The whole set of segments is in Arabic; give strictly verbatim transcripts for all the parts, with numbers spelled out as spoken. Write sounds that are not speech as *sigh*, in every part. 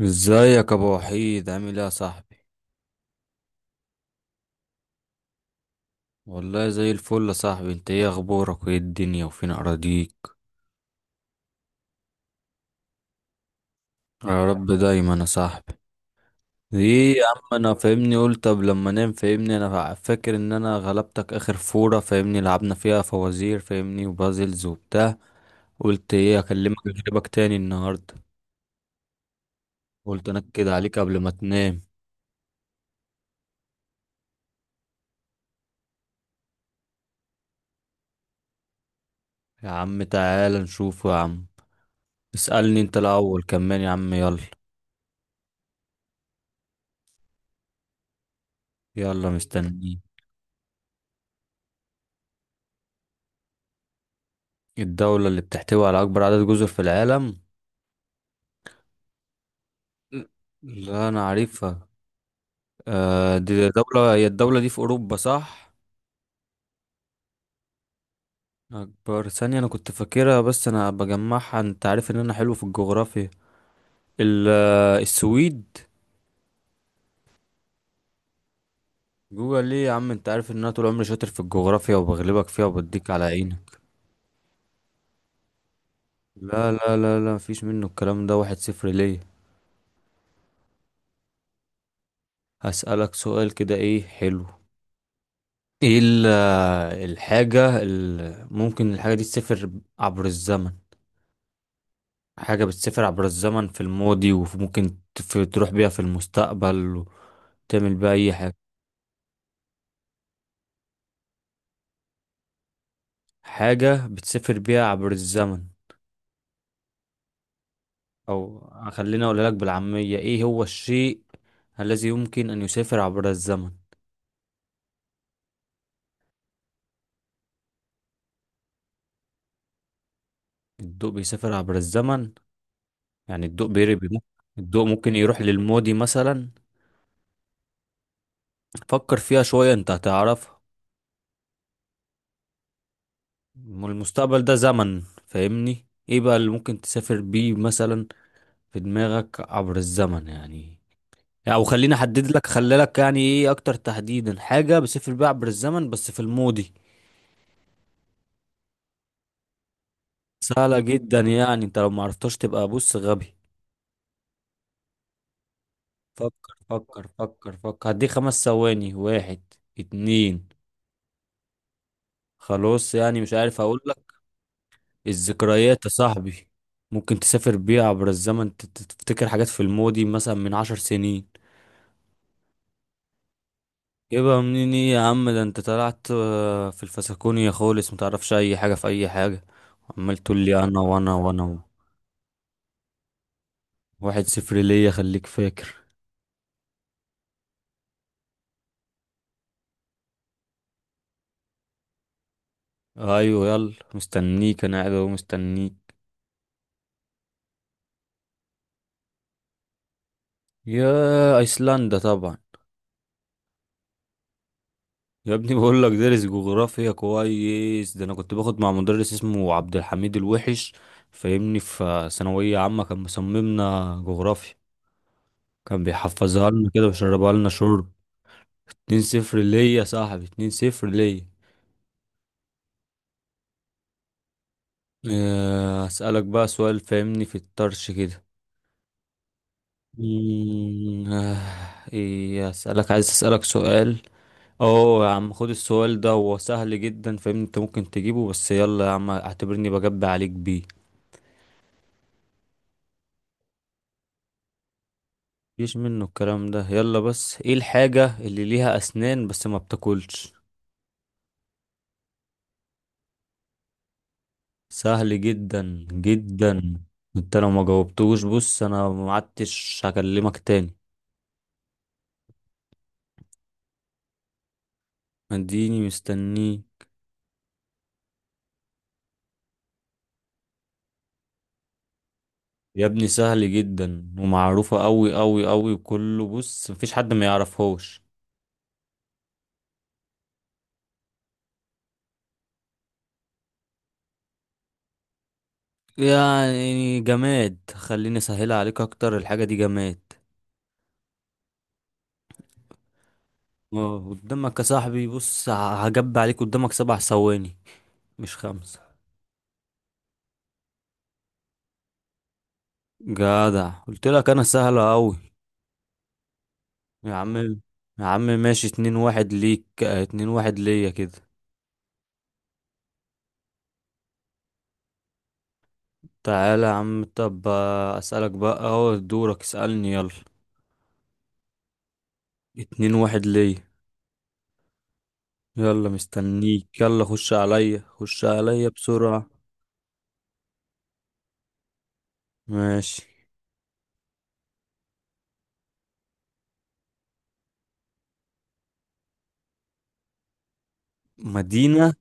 ازيك يا ابو وحيد؟ عامل ايه يا صاحبي؟ والله زي الفل يا صاحبي. انت ايه اخبارك وايه الدنيا وفين اراضيك؟ يا رب دايما يا صاحبي. ايه يا عم انا فاهمني قلت طب لما نام، فاهمني انا فا- فاكر ان انا غلبتك اخر فورة، فاهمني لعبنا فيها فوازير فاهمني وبازلز وبتاع. قلت ايه اكلمك اجيبك تاني النهارده، قلت انكد عليك قبل ما تنام. يا عم تعالى نشوفه يا عم، اسألني انت الاول كمان يا عم، يلا. يلا مستنيك. الدولة اللي بتحتوي على أكبر عدد جزر في العالم؟ لا أنا عارفها. آه دي دولة، هي الدولة دي في أوروبا صح؟ أكبر ثانية، أنا كنت فاكرها بس أنا بجمعها، أنت عارف إن أنا حلو في الجغرافيا. ال- آه، السويد. جوجل ليه يا عم؟ أنت عارف إن أنا طول عمري شاطر في الجغرافيا وبغلبك فيها وبديك على عينك. لا لا لا لا، مفيش منه الكلام ده، واحد صفر ليا. هسألك سؤال كده إيه حلو. إيه ال- آه، الحاجة اللي ممكن الحاجة دي تسافر عبر الزمن؟ حاجة بتسافر عبر الزمن في الماضي وممكن تف- تروح بيها في المستقبل وتعمل بيها أي حاجة. حاجة بتسافر بيها عبر الزمن، أو خليني أقولها لك بالعامية: إيه هو الشيء الذي يمكن أن يسافر عبر الزمن؟ الضوء بيسافر عبر الزمن؟ يعني الضوء بيري بيمو- الضوء ممكن يروح للماضي مثلا؟ فكر فيها شوية أنت هتعرفها. ما المستقبل ده زمن فاهمني، إيه بقى اللي ممكن تسافر بيه مثلا في دماغك عبر الزمن يعني؟ يعني او خليني احدد لك، خلي لك يعني ايه اكتر تحديدا، حاجه بسيف الباع عبر الزمن بس في الماضي. سهله جدا، يعني انت لو ما عرفتهاش تبقى بص غبي. فكر فكر فكر فكر، هديك خمس ثواني: واحد، اتنين. خلاص يعني مش عارف، اقول لك؟ الذكريات يا صاحبي، ممكن تسافر بيها عبر الزمن، تت- تفتكر حاجات في الماضي مثلا من عشر سنين. يبقى منين ايه يا عم، ده انت طلعت آه، في الفسكونية خالص، متعرفش اي حاجة في اي حاجة، عمال تقول لي انا وانا وانا. واحد صفر ليا، خليك فاكر. ايوه يلا مستنيك، انا قاعد اهو مستنيك. يا ايسلندا طبعا. يا ابني بقول لك دارس جغرافيا كويس، ده انا كنت باخد مع مدرس اسمه عبد الحميد الوحش فاهمني في ثانوية عامة، كان مصممنا جغرافيا، كان بيحفظها لنا كده ويشربها لنا شرب. اتنين صفر ليا يا صاحبي، اتنين صفر ليا. آه، اسألك بقى سؤال فاهمني في الطرش كده. مم، آه، ايه اسألك، عايز اسألك سؤال. اوه يا عم خد السؤال ده، هو سهل جدا فاهمني انت ممكن تجيبه، بس يلا يا عم اعتبرني بجب عليك بيه. مفيش منه الكلام ده، يلا. بس ايه الحاجة اللي ليها اسنان بس ما بتاكلش؟ سهل جدا جدا. انت لو ما جاوبتوش بص، انا ما عدتش هكلمك تاني. اديني مستنيه. يا ابني سهل جدا ومعروفة قوي قوي قوي وكله، بص مفيش حد ما يعرفهوش. يعني جماد، خليني اسهلها عليك اكتر، الحاجة دي جماد. اه قدامك يا صاحبي بص، ه- هجب عليك، قدامك سبع ثواني، مش خمسة. جدع، قلت لك انا سهلة اوي. يا عم، يا عم ماشي، اتنين واحد ليك، اه، اتنين واحد ليا كده. تعالى يا عم طب، اه، اسألك بقى، اهو دورك اسألني يلا. اتنين واحد ليا. يلا مستنيك، يلا خش عليا خش عليا بسرعة. ماشي. مدينة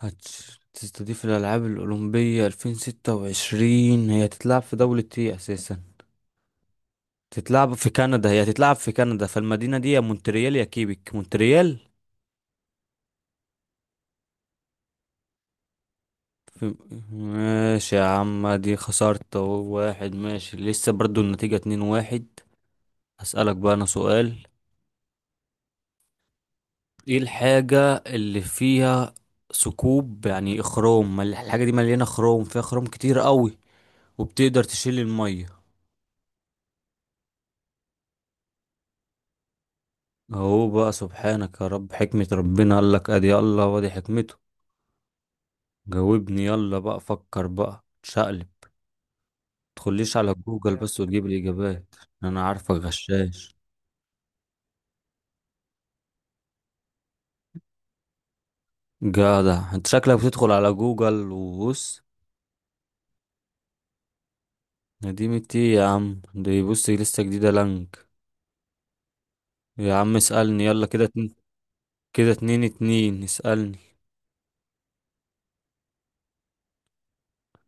هتستضيف الألعاب الأولمبية ألفين وستة وعشرين، هي هتتلعب في دولة ايه أساسا؟ تتلعب في كندا، هي تتلعب في كندا فالمدينة دي يا مونتريال يا كيبك، مونتريال. في... ماشي يا عم، دي خسرت أهو، واحد ماشي لسه برضو، النتيجة اتنين واحد. هسألك بقى أنا سؤال: ايه الحاجة اللي فيها ثقوب يعني خروم، مل- الحاجة دي مليانة خروم، فيها خروم كتير قوي، وبتقدر تشيل المية؟ اهو بقى سبحانك يا رب، حكمة ربنا، قالك ادي الله وادي حكمته. جاوبني يلا بقى، فكر بقى تشقلب، تدخليش على جوجل بس وتجيب الإجابات. أنا عارفك غشاش. جدع أنت، شكلك بتدخل على جوجل وبص. نديمة إيه يا عم، دي بص لسه جديدة، لانك. يا عم اسألني يلا، كده اتنين كده اتنين اتنين، اسألني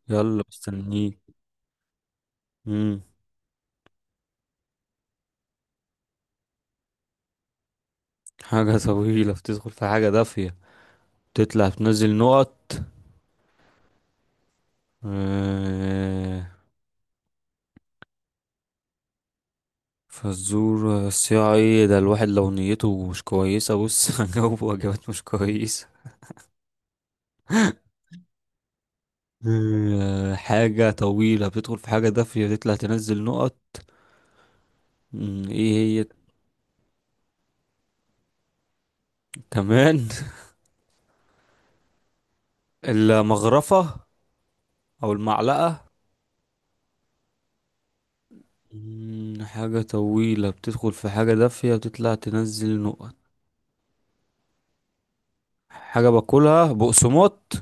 يلا مستنيك. مم. حاجة طويلة بتدخل في حاجة دافية، تطلع تنزل نقط. آه، فزورة بس، يا ايه ده الواحد لو نيته مش كويسة، بص *laughs* هجاوب وجبات مش كويسة. آه، حاجة طويلة بتدخل في حاجة دافية، بتطلع تنزل نقط. مم، ايه هي؟ كمان. *laughs* المغرفة، او المعلقة. مم، حاجة طويلة بتدخل في حاجة دافية، بتطلع تنزل نقط. حاجة باكلها، بقسماط.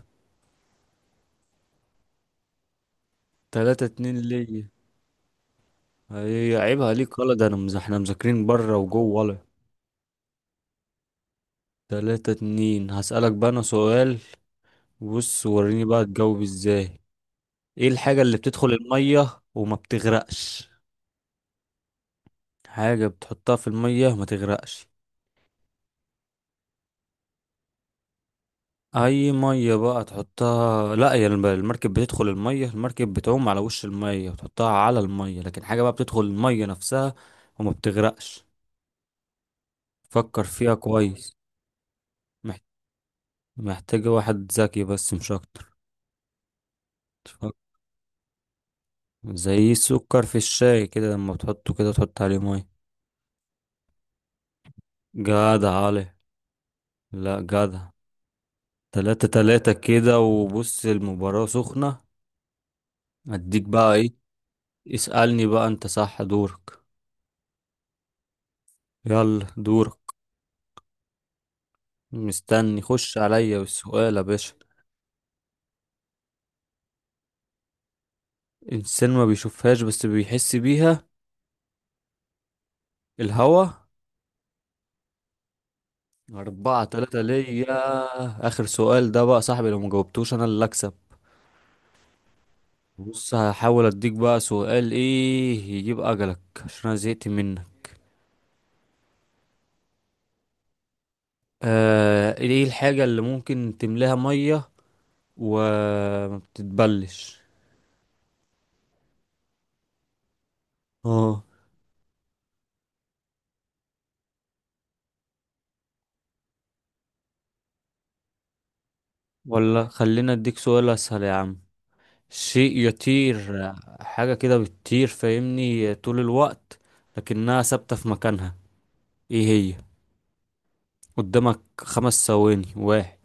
تلاتة اتنين ليا. هي عيبها ليك ولا، ده انا مز- احنا مذاكرين بره وجوه ولا؟ تلاتة اتنين. هسألك بقى انا سؤال، بص وريني بقى تجاوب ازاي. ايه الحاجة اللي بتدخل المية وما بتغرقش؟ حاجة بتحطها في المية وما تغرقش. اي مية بقى تحطها، لا يا الم- المركب بتدخل المية، المركب بتعوم على وش المية وتحطها على المية، لكن حاجة بقى بتدخل المية نفسها وما بتغرقش، فكر فيها كويس. مح- محتاجة واحد ذكي بس، مش اكتر. تفكر. زي السكر في الشاي كده، لما بتحطه كده تحط عليه مية. جدع علي، لا جدع. تلاتة تلاتة كده، وبص المباراة سخنة. اديك بقى ايه، اسألني بقى انت، صح دورك، يلا دورك، مستني خش عليا بالسؤال يا باشا. انسان ما بيشوفهاش بس بيحس بيها؟ الهوا. أربعة تلاتة ليا، آخر سؤال ده بقى صاحبي، لو مجاوبتوش أنا اللي أكسب. بص هحاول أديك بقى سؤال إيه يجيب أجلك، عشان أنا زهقت منك. آه إيه الحاجة اللي ممكن تملاها مية وما بتتبلش؟ اه، ولا خلينا أديك سؤال أسهل يا عم. شيء يطير، حاجة كده بتطير فاهمني طول الوقت لكنها ثابتة في مكانها، ايه هي؟ قدامك خمس ثواني: واحد.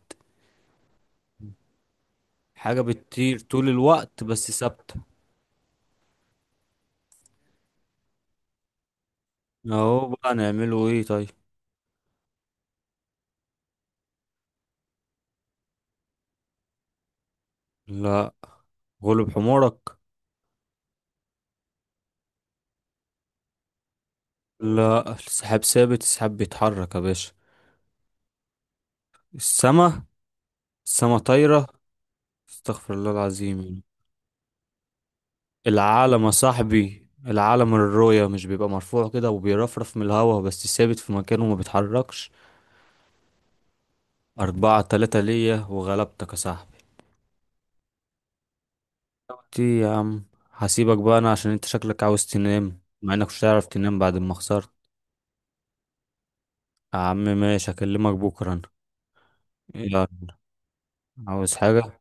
حاجة بتطير طول الوقت بس ثابتة. اهو بقى نعمله ايه طيب. لا، غلب حمارك. لا، السحاب ثابت، السحاب بيتحرك يا باشا. السما، السما، طايرة. استغفر الله العظيم يعني. العالم يا صاحبي، العالم الرؤية، مش بيبقى مرفوع كده وبيرفرف من الهوا بس ثابت في مكانه وما بيتحركش. أربعة تلاتة ليا، وغلبتك يا صاحبي. دي يا عم، هسيبك بقى أنا عشان أنت شكلك عاوز تنام، مع إنك مش هتعرف تنام بعد ما خسرت. يا عم ماشي، هكلمك بكرة أنا. يلا، عاوز حاجة؟